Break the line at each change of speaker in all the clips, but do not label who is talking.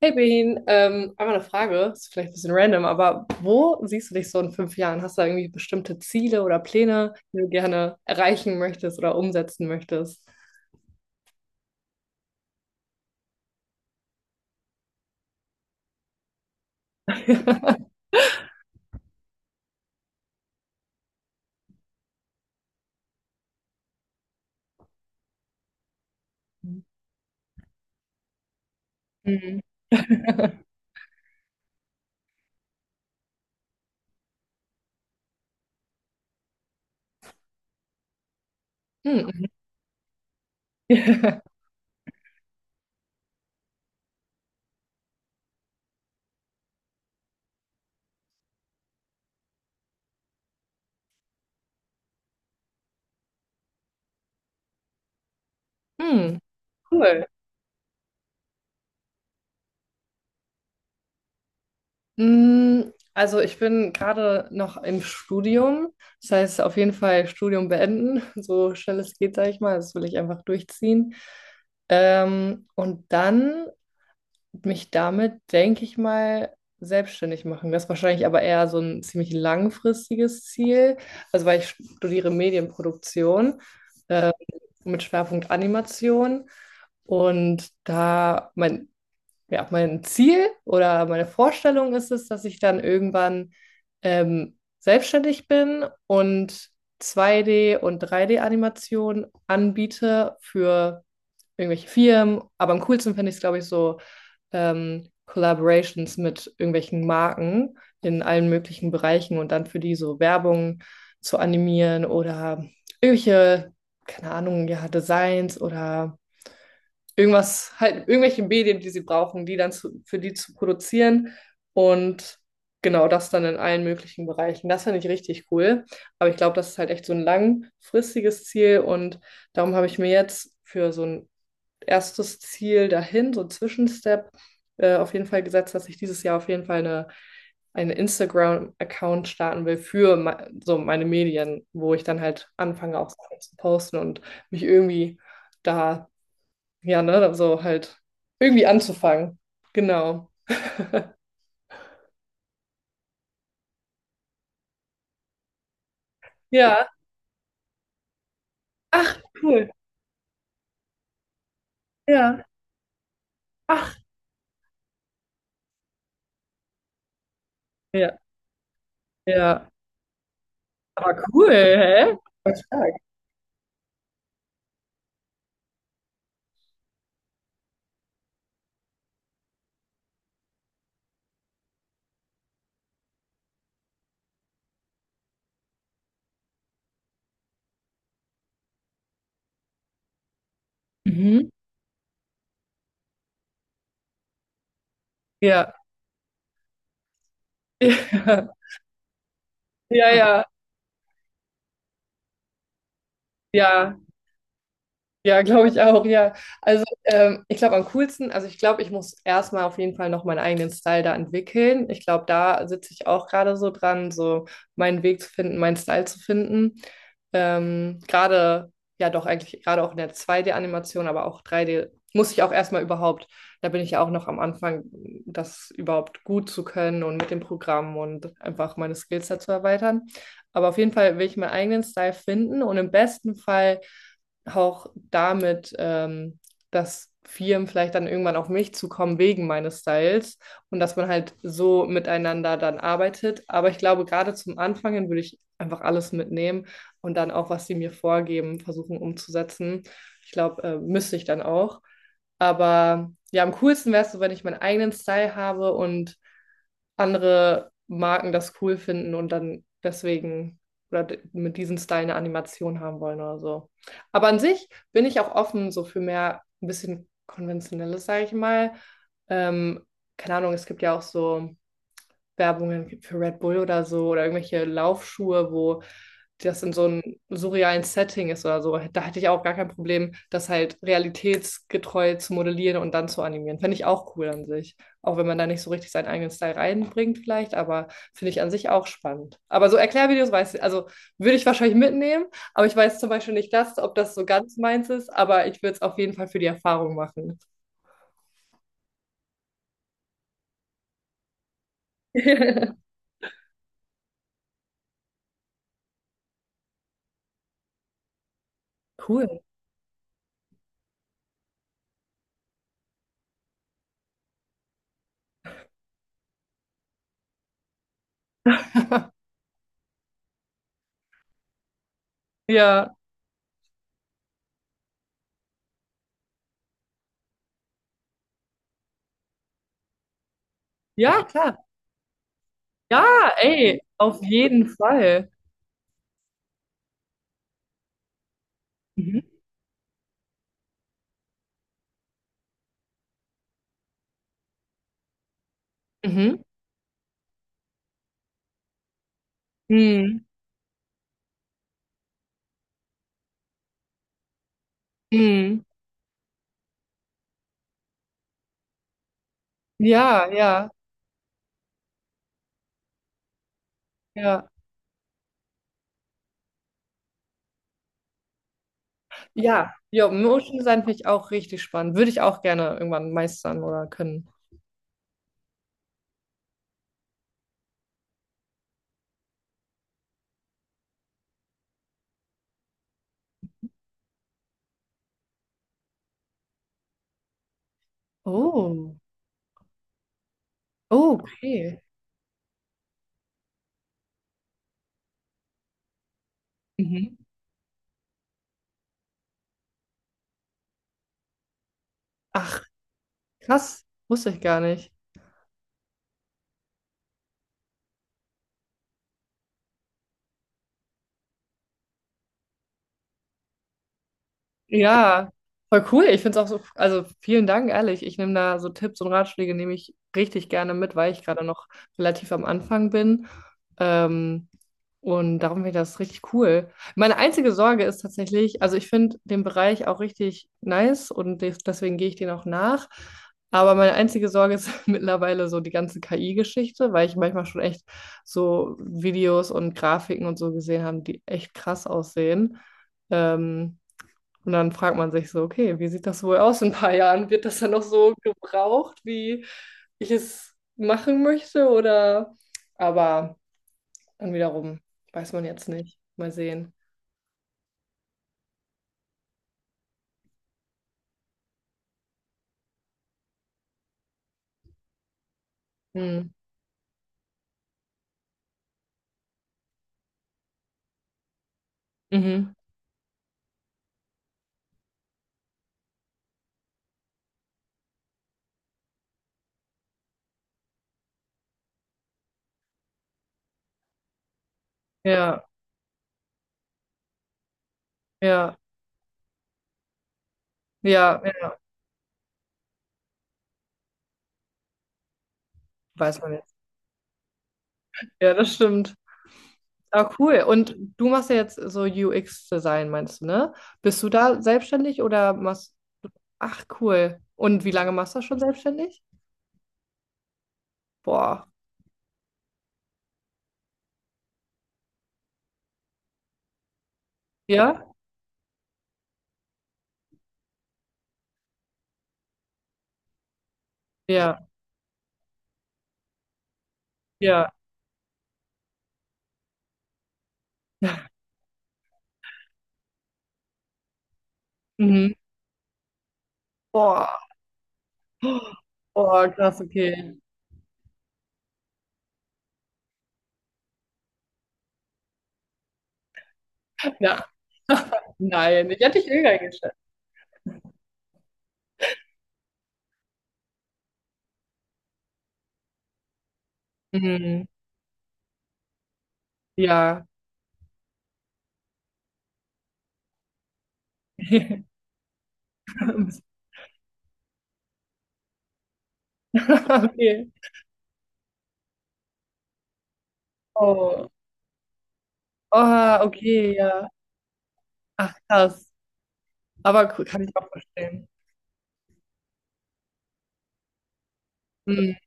Hey Behin, einmal eine Frage, ist vielleicht ein bisschen random, aber wo siehst du dich so in 5 Jahren? Hast du da irgendwie bestimmte Ziele oder Pläne, die du gerne erreichen möchtest oder umsetzen möchtest? Mhm. Hm. Hm, cool. Also ich bin gerade noch im Studium. Das heißt, auf jeden Fall Studium beenden, so schnell es geht, sage ich mal. Das will ich einfach durchziehen. Und dann mich damit, denke ich mal, selbstständig machen. Das ist wahrscheinlich aber eher so ein ziemlich langfristiges Ziel. Also weil ich studiere Medienproduktion ähm, mit Schwerpunkt Animation. Und da, mein ja, mein Ziel oder meine Vorstellung ist es, dass ich dann irgendwann selbstständig bin und 2D- und 3D-Animationen anbiete für irgendwelche Firmen. Aber am coolsten finde ich es, glaube ich, so Collaborations mit irgendwelchen Marken in allen möglichen Bereichen und dann für die so Werbung zu animieren oder irgendwelche, keine Ahnung, ja, Designs oder irgendwas, halt irgendwelche Medien, die sie brauchen, die dann zu, für die zu produzieren und genau das dann in allen möglichen Bereichen. Das finde ich richtig cool. Aber ich glaube, das ist halt echt so ein langfristiges Ziel und darum habe ich mir jetzt für so ein erstes Ziel dahin, so ein Zwischenstep, auf jeden Fall gesetzt, dass ich dieses Jahr auf jeden Fall einen Instagram-Account starten will für me so meine Medien, wo ich dann halt anfange, auch Sachen zu posten und mich irgendwie da ja, ne, also halt irgendwie anzufangen. Genau. Ja. Ach, cool. Ja. Ach, ja, ja. Aber cool, hä? Voll stark. Mhm. Ja. Ja, ja, ja. ja. Ja, glaube ich auch, ja. Also ich glaube am coolsten, also ich glaube, ich muss erstmal auf jeden Fall noch meinen eigenen Style da entwickeln. Ich glaube, da sitze ich auch gerade so dran, so meinen Weg zu finden, meinen Style zu finden. Gerade, ja doch, eigentlich gerade auch in der 2D-Animation, aber auch 3D muss ich auch erstmal überhaupt, da bin ich ja auch noch am Anfang, das überhaupt gut zu können und mit dem Programm und einfach meine Skills dazu erweitern. Aber auf jeden Fall will ich meinen eigenen Style finden und im besten Fall auch damit, dass Firmen vielleicht dann irgendwann auf mich zukommen wegen meines Styles und dass man halt so miteinander dann arbeitet. Aber ich glaube, gerade zum Anfang hin würde ich einfach alles mitnehmen und dann auch, was sie mir vorgeben, versuchen umzusetzen. Ich glaube, müsste ich dann auch. Aber ja, am coolsten wäre es so, wenn ich meinen eigenen Style habe und andere Marken das cool finden und dann deswegen mit diesem Style eine Animation haben wollen oder so. Aber an sich bin ich auch offen so für mehr ein bisschen konventionelles, sage ich mal. Ähm, Keine Ahnung, es gibt ja auch so Werbungen gibt für Red Bull oder so oder irgendwelche Laufschuhe, wo das in so einem surrealen Setting ist oder so. Da hätte ich auch gar kein Problem, das halt realitätsgetreu zu modellieren und dann zu animieren. Finde ich auch cool an sich. Auch wenn man da nicht so richtig seinen eigenen Style reinbringt, vielleicht, aber finde ich an sich auch spannend. Aber so Erklärvideos weiß ich, also würde ich wahrscheinlich mitnehmen, aber ich weiß zum Beispiel nicht das, ob das so ganz meins ist, aber ich würde es auf jeden Fall für die Erfahrung machen. Cool. Ja, ja, klar. Ja, ey, auf jeden Fall. Mhm. Mhm. Mhm. Mhm. Ja, ja, ja. Ja, ja, Motion Design finde ich auch richtig spannend. Würde ich auch gerne irgendwann meistern oder können. Oh, oh, okay. Mhm. Ach, krass, wusste ich gar nicht. Ja, voll cool. Ich finde es auch so, also vielen Dank, ehrlich. Ich nehme da so Tipps und Ratschläge, nehme ich richtig gerne mit, weil ich gerade noch relativ am Anfang bin. Ähm, Und darum finde ich das richtig cool. Meine einzige Sorge ist tatsächlich, also ich finde den Bereich auch richtig nice und deswegen gehe ich den auch nach. Aber meine einzige Sorge ist mittlerweile so die ganze KI-Geschichte, weil ich manchmal schon echt so Videos und Grafiken und so gesehen habe, die echt krass aussehen. Ähm, und dann fragt man sich so, okay, wie sieht das wohl aus in ein paar Jahren? Wird das dann noch so gebraucht, wie ich es machen möchte? Oder aber. Dann wiederum, weiß man jetzt nicht. Mal sehen. Hm. Mhm. Ja, ja, ja, ja, weiß man jetzt. Ja, das stimmt. Ah, cool. Und du machst ja jetzt so UX-Design, meinst du, ne? Bist du da selbstständig oder machst... Ach, cool. Und wie lange machst du das schon selbstständig? Boah. Ja? Ja, ja. Mhm. Boah. Boah, krass, okay. Ja, nein, ich hätte dich jünger geschätzt. Mhm. Ja. Okay. Oh. Oh okay, ja. Ach, krass. Aber cool, kann ich auch verstehen. Mhm.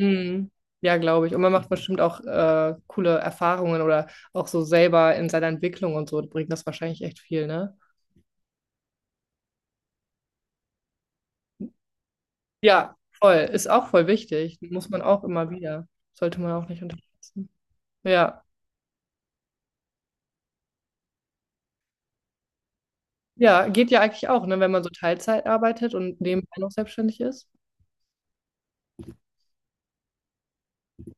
Mhm. Ja, glaube ich. Und man macht bestimmt auch coole Erfahrungen oder auch so selber in seiner Entwicklung und so bringt das wahrscheinlich echt viel, ne? Ja, voll. Ist auch voll wichtig. Muss man auch immer wieder. Sollte man auch nicht unterschätzen. Ja. Ja, geht ja eigentlich auch, ne, wenn man so Teilzeit arbeitet und nebenbei noch selbstständig ist.